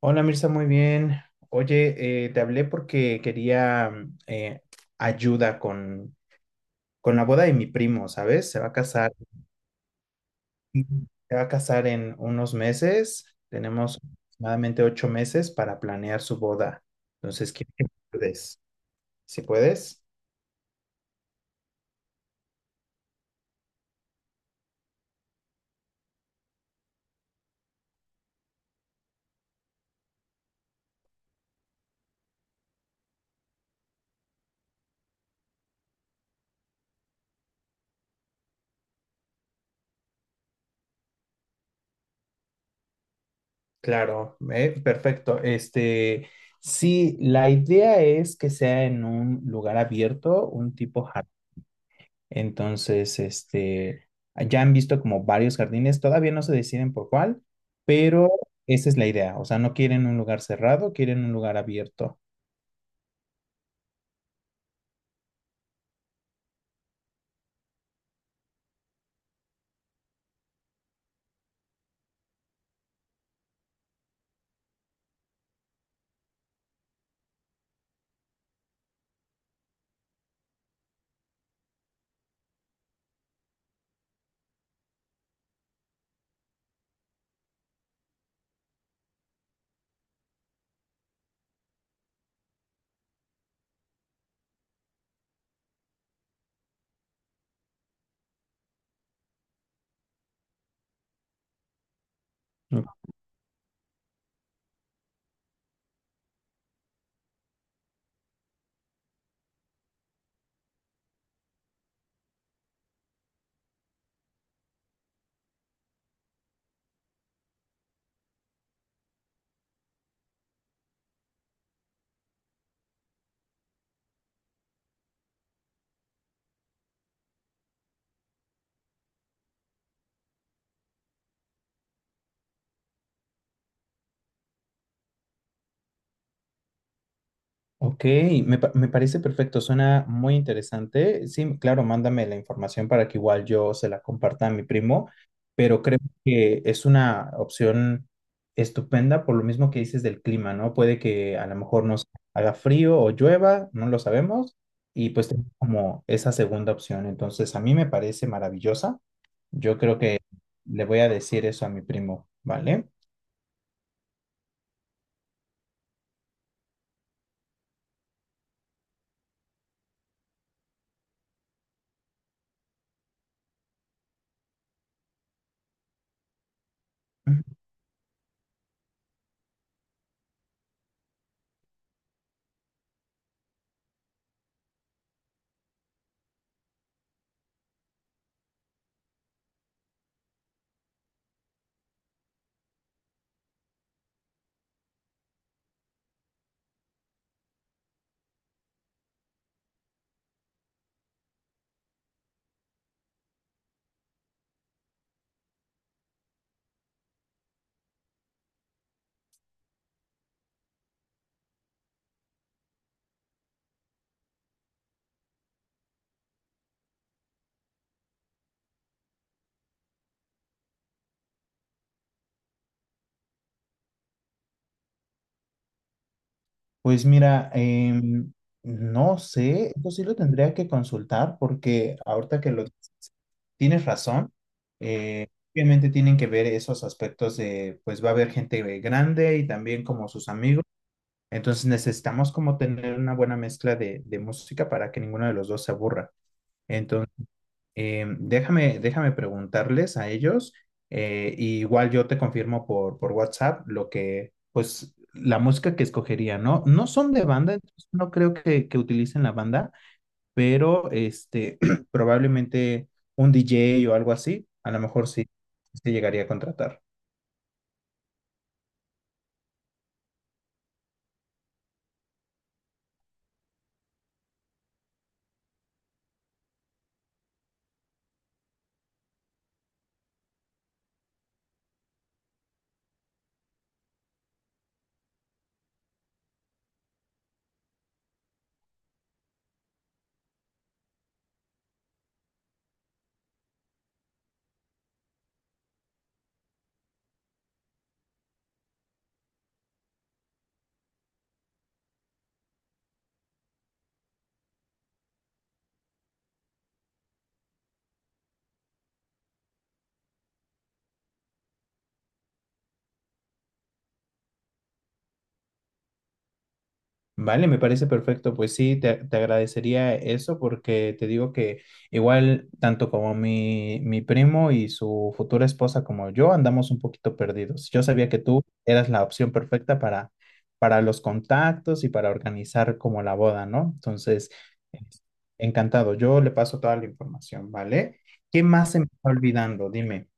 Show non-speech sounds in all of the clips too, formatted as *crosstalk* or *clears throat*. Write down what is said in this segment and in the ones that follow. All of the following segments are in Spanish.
Hola Mirza, muy bien. Oye, te hablé porque quería ayuda con la boda de mi primo, ¿sabes? Se va a casar. Ujú. Se va a casar en unos meses. Tenemos aproximadamente 8 meses para planear su boda. Entonces, ¿qué puedes? ¿Si puedes? Claro, perfecto. Sí, la idea es que sea en un lugar abierto, un tipo. Entonces, ya han visto como varios jardines, todavía no se deciden por cuál, pero esa es la idea. O sea, no quieren un lugar cerrado, quieren un lugar abierto. Ok, me parece perfecto, suena muy interesante. Sí, claro, mándame la información para que igual yo se la comparta a mi primo, pero creo que es una opción estupenda por lo mismo que dices del clima, ¿no? Puede que a lo mejor nos haga frío o llueva, no lo sabemos, y pues tenemos como esa segunda opción. Entonces, a mí me parece maravillosa. Yo creo que le voy a decir eso a mi primo, ¿vale? Pues mira, no sé, eso sí lo tendría que consultar porque ahorita que lo dices, tienes razón. eh, Obviamente tienen que ver esos aspectos pues va a haber gente grande y también como sus amigos. Entonces necesitamos como tener una buena mezcla de música para que ninguno de los dos se aburra. Déjame preguntarles a ellos, y igual yo te confirmo por WhatsApp lo que, pues, la música que escogería, ¿no? No son de banda, entonces no creo que utilicen la banda, pero este, *clears throat* probablemente un DJ o algo así, a lo mejor sí se llegaría a contratar. Vale, me parece perfecto. Pues sí, te agradecería eso porque te digo que igual tanto como mi primo y su futura esposa como yo andamos un poquito perdidos. Yo sabía que tú eras la opción perfecta para los contactos y para organizar como la boda, ¿no? Entonces, encantado. Yo le paso toda la información, ¿vale? ¿Qué más se me está olvidando? Dime.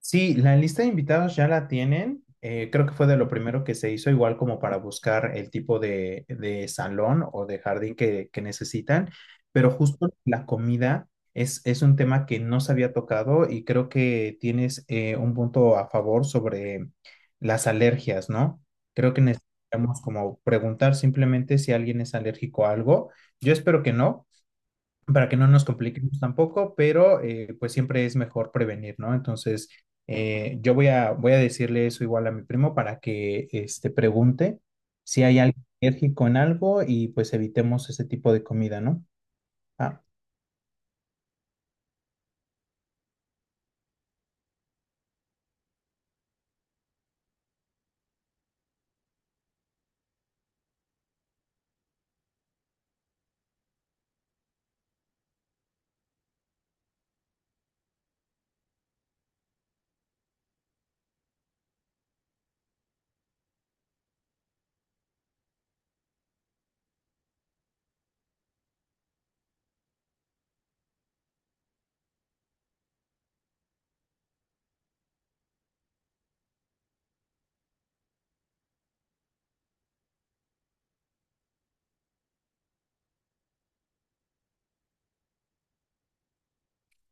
Sí, la lista de invitados ya la tienen. Eh, creo que fue de lo primero que se hizo, igual como para buscar el tipo de salón o de jardín que necesitan. Pero justo la comida es un tema que no se había tocado y creo que tienes un punto a favor sobre las alergias, ¿no? Creo que necesitamos como preguntar simplemente si alguien es alérgico a algo. Yo espero que no, para que no nos compliquemos tampoco, pero pues siempre es mejor prevenir, ¿no? Entonces, yo voy a decirle eso igual a mi primo para que este, pregunte si hay alguien alérgico en algo y pues evitemos ese tipo de comida, ¿no? Ah,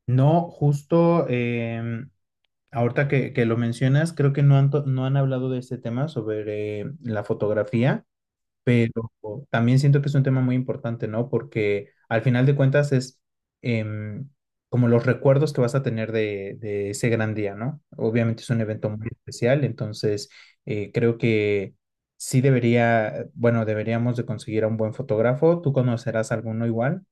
no, justo ahorita que lo mencionas, creo que no han hablado de este tema sobre la fotografía. Pero también siento que es un tema muy importante, ¿no? Porque al final de cuentas es em, como los recuerdos que vas a tener de ese gran día, ¿no? Obviamente es un evento muy especial, entonces creo que sí debería, bueno, deberíamos de conseguir a un buen fotógrafo. ¿Tú conocerás alguno igual?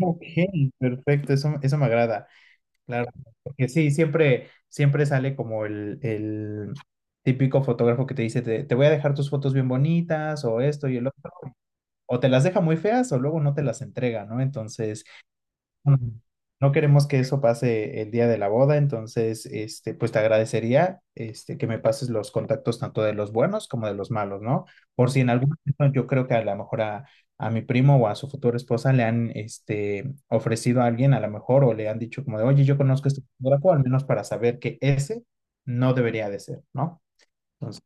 Ok, perfecto, eso me agrada, claro, porque sí, siempre sale como el típico fotógrafo que te dice, te voy a dejar tus fotos bien bonitas o esto y el otro. O te las deja muy feas o luego no te las entrega, ¿no? Entonces, mm, no queremos que eso pase el día de la boda, entonces, este, pues te agradecería, este, que me pases los contactos tanto de los buenos como de los malos, ¿no? Por si en algún momento yo creo que a lo mejor a mi primo o a su futura esposa le han, este, ofrecido a alguien a lo mejor o le han dicho como de, oye, yo conozco este fotógrafo, al menos para saber que ese no debería de ser, ¿no? Entonces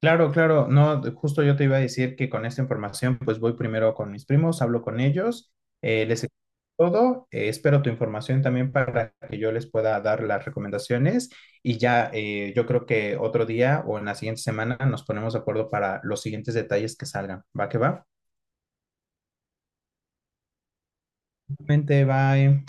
claro, claro, no, de- justo yo te iba a decir que con esta información, pues voy primero con mis primos, hablo con ellos, les explico todo, espero tu información también para que yo les pueda dar las recomendaciones y ya yo creo que otro día o en la siguiente semana nos ponemos de acuerdo para los siguientes detalles que salgan. ¿Va que va? Mente, bye.